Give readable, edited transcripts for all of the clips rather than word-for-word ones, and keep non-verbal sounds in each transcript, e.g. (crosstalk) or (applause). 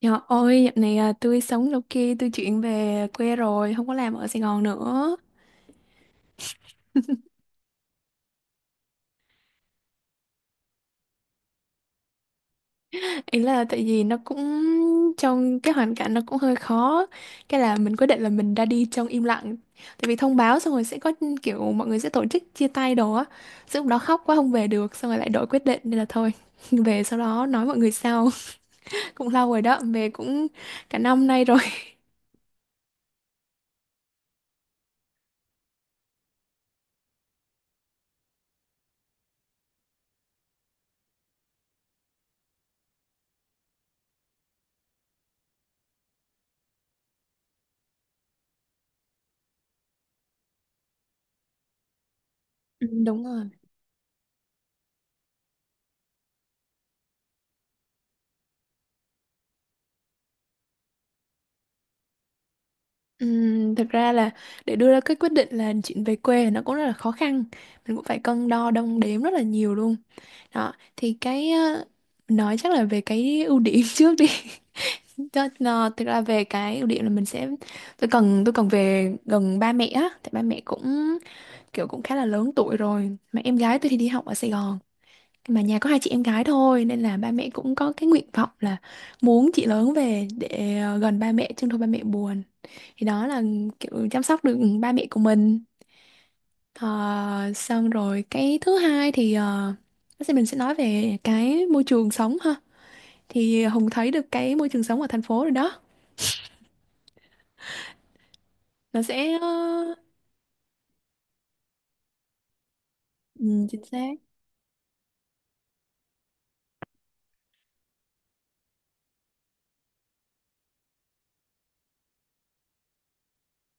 Dạ ôi, dạo này à, tôi sống đâu kia, tôi chuyển về quê rồi, không có làm ở Sài Gòn nữa. Ý là tại vì nó cũng trong cái hoàn cảnh nó cũng hơi khó. Cái là mình quyết định là mình ra đi trong im lặng. Tại vì thông báo xong rồi sẽ có kiểu mọi người sẽ tổ chức chia tay đồ á. Xong lúc đó khóc quá không về được, xong rồi lại đổi quyết định nên là thôi. (laughs) Về sau đó nói mọi người sau. (laughs) Cũng lâu rồi đó, về cũng cả năm nay rồi. (laughs) Ừ, đúng rồi. Thực ra là để đưa ra cái quyết định là chuyện về quê nó cũng rất là khó khăn, mình cũng phải cân đo đong đếm rất là nhiều luôn. Đó thì cái nói chắc là về cái ưu điểm (laughs) trước đi. Thực ra về cái ưu điểm là mình sẽ tôi cần về gần ba mẹ á, tại ba mẹ cũng kiểu cũng khá là lớn tuổi rồi, mà em gái tôi thì đi học ở Sài Gòn, mà nhà có hai chị em gái thôi nên là ba mẹ cũng có cái nguyện vọng là muốn chị lớn về để gần ba mẹ chứ thôi ba mẹ buồn. Thì đó là kiểu chăm sóc được ba mẹ của mình. Ờ, Xong rồi cái thứ hai thì bác sĩ mình sẽ nói về cái môi trường sống ha. Thì Hùng thấy được cái môi trường sống ở thành phố rồi đó, nó sẽ ừ, chính xác.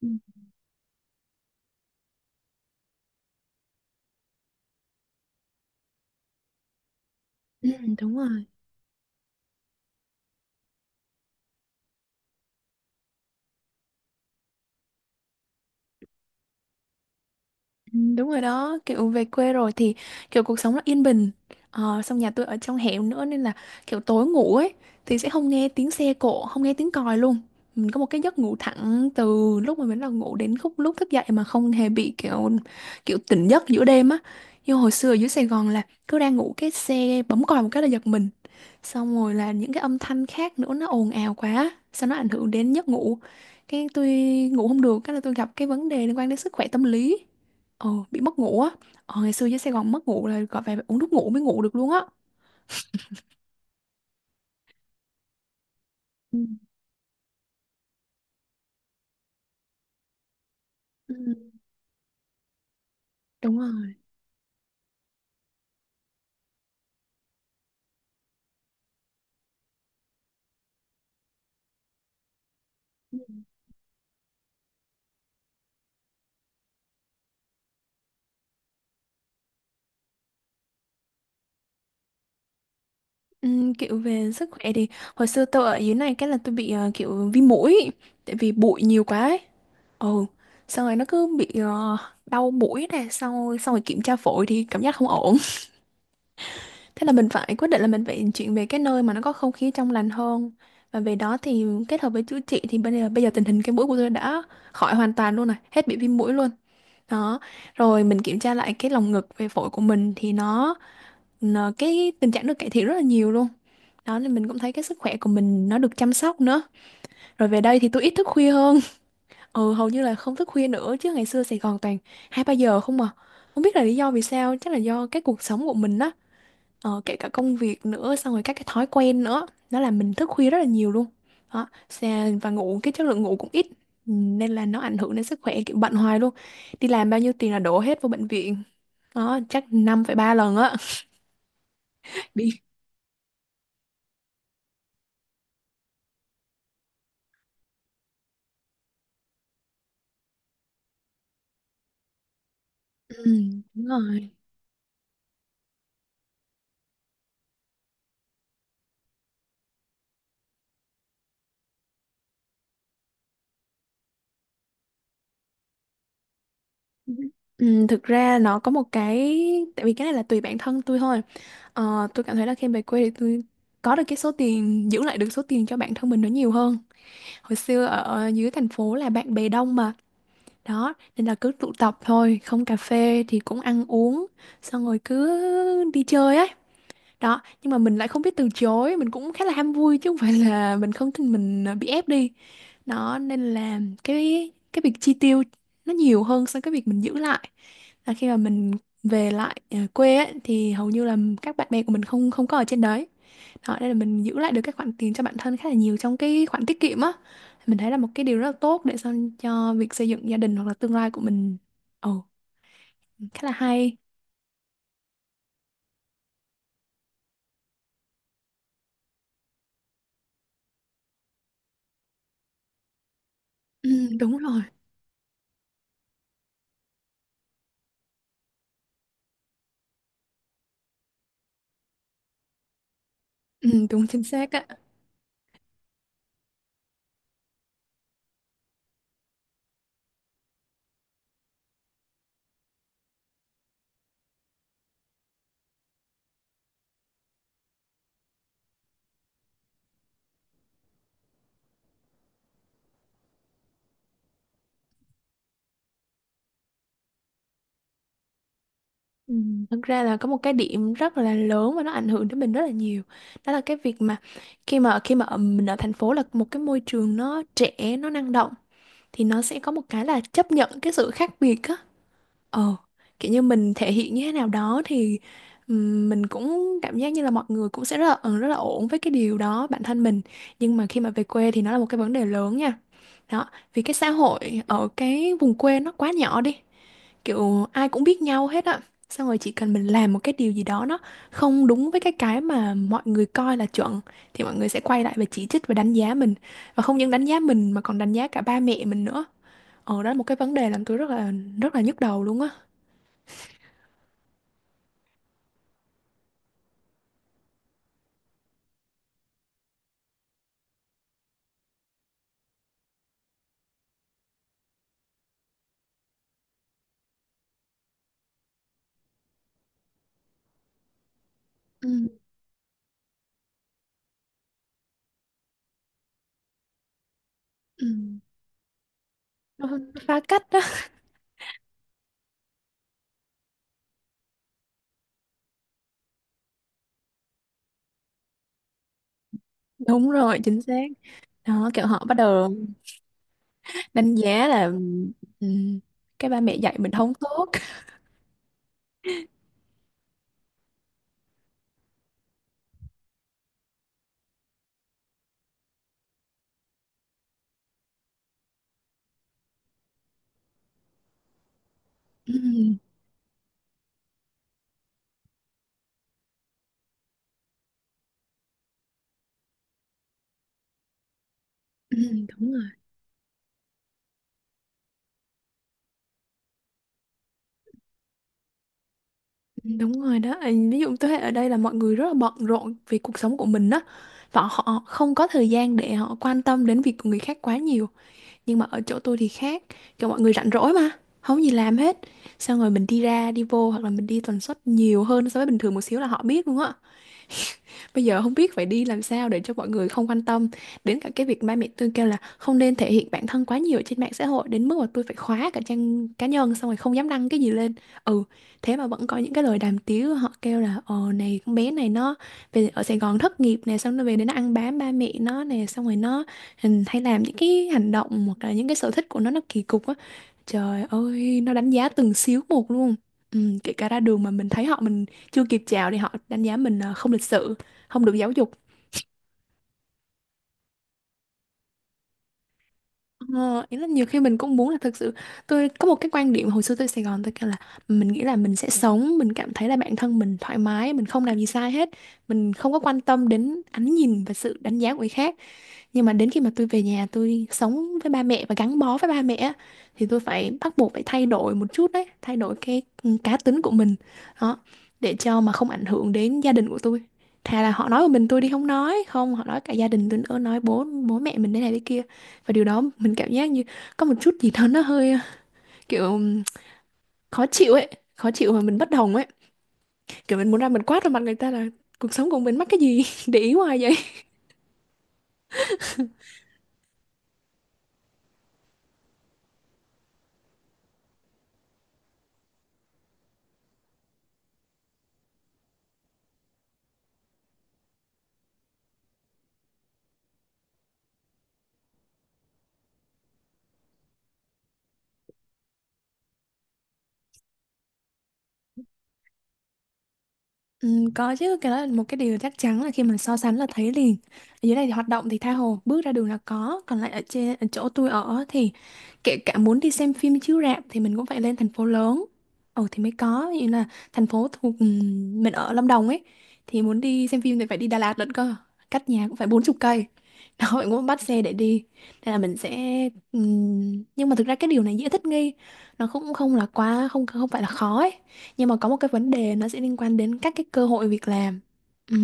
Ừ, ừ, đúng rồi. Ừ, đúng rồi đó, kiểu về quê rồi thì kiểu cuộc sống nó yên bình. Xong nhà tôi ở trong hẻm nữa nên là kiểu tối ngủ ấy, thì sẽ không nghe tiếng xe cộ, không nghe tiếng còi luôn. Mình có một cái giấc ngủ thẳng từ lúc mà mình bắt đầu ngủ đến khúc lúc thức dậy mà không hề bị kiểu kiểu tỉnh giấc giữa đêm á. Nhưng hồi xưa ở dưới Sài Gòn là cứ đang ngủ cái xe bấm còi một cái là giật mình. Xong rồi là những cái âm thanh khác nữa nó ồn ào quá. Sao nó ảnh hưởng đến giấc ngủ. Cái tôi ngủ không được, cái là tôi gặp cái vấn đề liên quan đến sức khỏe tâm lý. Bị mất ngủ á. Ngày xưa dưới Sài Gòn mất ngủ là gọi về uống thuốc ngủ mới ngủ được luôn á. Ừ. Ừ, đúng rồi. Ừ. Ừ, kiểu về sức khỏe thì hồi xưa tôi ở dưới này cái là tôi bị kiểu viêm mũi, tại vì bụi nhiều quá ấy. Ừ, xong rồi nó cứ bị đau mũi này, xong rồi kiểm tra phổi thì cảm giác không ổn. (laughs) Thế là mình phải quyết định là mình phải chuyển về cái nơi mà nó có không khí trong lành hơn. Và về đó thì kết hợp với chữa trị thì bây giờ tình hình cái mũi của tôi đã khỏi hoàn toàn luôn này, hết bị viêm mũi luôn. Đó, rồi mình kiểm tra lại cái lồng ngực về phổi của mình thì cái tình trạng được cải thiện rất là nhiều luôn. Đó nên mình cũng thấy cái sức khỏe của mình nó được chăm sóc nữa. Rồi về đây thì tôi ít thức khuya hơn. Ừ, hầu như là không thức khuya nữa, chứ ngày xưa Sài Gòn toàn 2 3 giờ không à. Không biết là lý do vì sao, chắc là do cái cuộc sống của mình á, kể cả công việc nữa, xong rồi các cái thói quen nữa, nó làm mình thức khuya rất là nhiều luôn. Đó, và ngủ cái chất lượng ngủ cũng ít. Ừ, nên là nó ảnh hưởng đến sức khỏe, kiểu bận hoài luôn, đi làm bao nhiêu tiền là đổ hết vô bệnh viện, có chắc 5,3 lần á. (laughs) Bị ừ, đúng rồi. Ừ, thực ra nó có một cái, tại vì cái này là tùy bản thân tôi thôi. Tôi cảm thấy là khi về quê thì tôi có được cái số tiền, giữ lại được số tiền cho bản thân mình nó nhiều hơn. Hồi xưa ở dưới thành phố là bạn bè đông mà, đó nên là cứ tụ tập thôi, không cà phê thì cũng ăn uống, xong rồi cứ đi chơi á. Đó nhưng mà mình lại không biết từ chối, mình cũng khá là ham vui chứ không phải là mình không, tin mình à, bị ép đi. Đó nên là cái việc chi tiêu nó nhiều hơn so với cái việc mình giữ lại. Là khi mà mình về lại à, quê ấy, thì hầu như là các bạn bè của mình không không có ở trên đấy. Đó nên là mình giữ lại được cái khoản tiền cho bản thân khá là nhiều trong cái khoản tiết kiệm á, mình thấy là một cái điều rất là tốt để sau cho việc xây dựng gia đình hoặc là tương lai của mình. Ồ, khá là hay. Ừ, đúng rồi. Ừ, đúng chính xác á. Ừ, thật ra là có một cái điểm rất là lớn và nó ảnh hưởng đến mình rất là nhiều. Đó là cái việc mà khi mà mình ở thành phố là một cái môi trường nó trẻ, nó năng động, thì nó sẽ có một cái là chấp nhận cái sự khác biệt á. Ờ, Kiểu như mình thể hiện như thế nào đó thì mình cũng cảm giác như là mọi người cũng sẽ rất là rất là ổn với cái điều đó bản thân mình. Nhưng mà khi mà về quê thì nó là một cái vấn đề lớn nha. Đó, vì cái xã hội ở cái vùng quê nó quá nhỏ đi. Kiểu ai cũng biết nhau hết á. Xong rồi chỉ cần mình làm một cái điều gì đó nó không đúng với cái mà mọi người coi là chuẩn, thì mọi người sẽ quay lại và chỉ trích và đánh giá mình. Và không những đánh giá mình mà còn đánh giá cả ba mẹ mình nữa. Ờ, đó là một cái vấn đề làm tôi rất là nhức đầu luôn á. Ừ. Ừ. Nó phá cách đó. Đúng rồi, chính xác. Đó, kiểu họ bắt đầu đánh giá là ừm, cái ba mẹ dạy mình không tốt. Ừ. Ừ. Đúng rồi. Đúng rồi đó. Ừ, ví dụ thế hệ ở đây là mọi người rất là bận rộn vì cuộc sống của mình đó, và họ không có thời gian để họ quan tâm đến việc của người khác quá nhiều. Nhưng mà ở chỗ tôi thì khác, kiểu mọi người rảnh rỗi mà không gì làm hết, xong rồi mình đi ra đi vô hoặc là mình đi tần suất nhiều hơn so với bình thường một xíu là họ biết luôn á. Bây giờ không biết phải đi làm sao để cho mọi người không quan tâm, đến cả cái việc ba mẹ tôi kêu là không nên thể hiện bản thân quá nhiều trên mạng xã hội đến mức mà tôi phải khóa cả trang cá nhân, xong rồi không dám đăng cái gì lên. Ừ, thế mà vẫn có những cái lời đàm tiếu, họ kêu là này con bé này nó về ở Sài Gòn thất nghiệp nè, xong nó về đến nó ăn bám ba mẹ nó nè, xong rồi nó hay làm những cái hành động hoặc là những cái sở thích của nó kỳ cục á. Trời ơi, nó đánh giá từng xíu một luôn. Ừ, kể cả ra đường mà mình thấy họ, mình chưa kịp chào thì họ đánh giá mình là không lịch sự, không được giáo dục. Ờ, Ý là nhiều khi mình cũng muốn là thực sự, tôi có một cái quan điểm hồi xưa tôi Sài Gòn tôi kêu là mình nghĩ là mình sẽ sống, mình cảm thấy là bản thân mình thoải mái, mình không làm gì sai hết, mình không có quan tâm đến ánh nhìn và sự đánh giá của người khác. Nhưng mà đến khi mà tôi về nhà tôi sống với ba mẹ và gắn bó với ba mẹ á, thì tôi phải bắt buộc phải thay đổi một chút đấy, thay đổi cái cá tính của mình đó, để cho mà không ảnh hưởng đến gia đình của tôi. Thà là họ nói một mình tôi đi không, nói không họ nói cả gia đình tôi nữa, nói bố bố mẹ mình thế này thế kia. Và điều đó mình cảm giác như có một chút gì đó nó hơi kiểu khó chịu ấy, khó chịu mà mình bất đồng ấy, kiểu mình muốn ra mình quát vào mặt người ta là cuộc sống của mình mắc cái gì (laughs) để ý hoài vậy. Ừ, có chứ, cái đó là một cái điều chắc chắn, là khi mà so sánh là thấy liền. Ở dưới này thì hoạt động thì tha hồ, bước ra đường là có. Còn lại ở trên ở chỗ tôi ở thì kể cả muốn đi xem phim chiếu rạp thì mình cũng phải lên thành phố lớn, ồ, thì mới có. Như là thành phố thuộc mình ở Lâm Đồng ấy, thì muốn đi xem phim thì phải đi Đà Lạt lận cơ, cách nhà cũng phải 40 cây. (laughs) Đó mình cũng bắt xe để đi, nên là mình sẽ nhưng mà thực ra cái điều này dễ thích nghi, nó cũng không là quá, không không phải là khó ấy. Nhưng mà có một cái vấn đề nó sẽ liên quan đến các cái cơ hội việc làm. Ừ.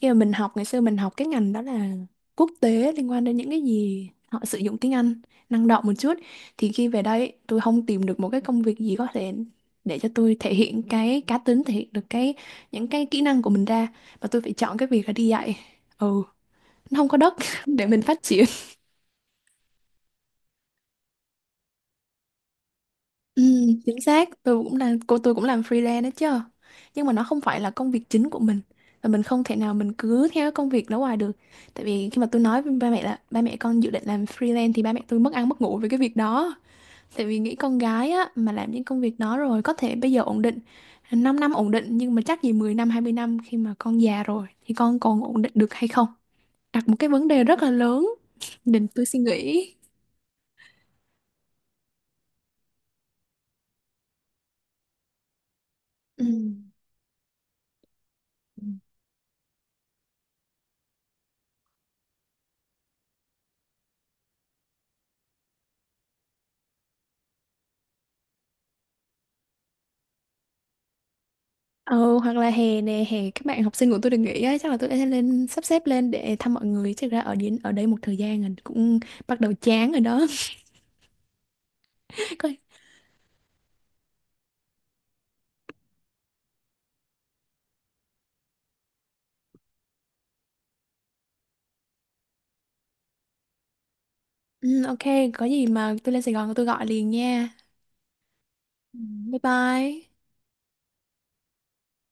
Khi mà mình học, ngày xưa mình học cái ngành đó là quốc tế, liên quan đến những cái gì họ sử dụng tiếng Anh, năng động một chút, thì khi về đây tôi không tìm được một cái công việc gì có thể để cho tôi thể hiện cái cá tính, thể hiện được cái những cái kỹ năng của mình ra, và tôi phải chọn cái việc là đi dạy. Ừ, nó không có đất (laughs) để mình phát triển. Ừ, chính xác, tôi cũng làm cô, tôi cũng làm freelance đó chứ, nhưng mà nó không phải là công việc chính của mình, và mình không thể nào mình cứ theo cái công việc đó hoài được. Tại vì khi mà tôi nói với ba mẹ là ba mẹ con dự định làm freelance thì ba mẹ tôi mất ăn mất ngủ với cái việc đó. Tại vì nghĩ con gái á mà làm những công việc đó, rồi có thể bây giờ ổn định, 5 năm ổn định, nhưng mà chắc gì 10 năm 20 năm khi mà con già rồi thì con còn ổn định được hay không. Đặt một cái vấn đề rất là lớn, nên tôi suy nghĩ. Ừ. Ừ, hoặc là hè nè, hè các bạn học sinh của tôi được nghỉ ấy, chắc là tôi sẽ lên, sắp xếp lên để thăm mọi người. Chắc ra ở đến ở đây một thời gian rồi cũng bắt đầu chán rồi đó. (laughs) Coi- Ừ, ok, có gì mà tôi lên Sài Gòn tôi gọi liền nha. Ừ, bye bye.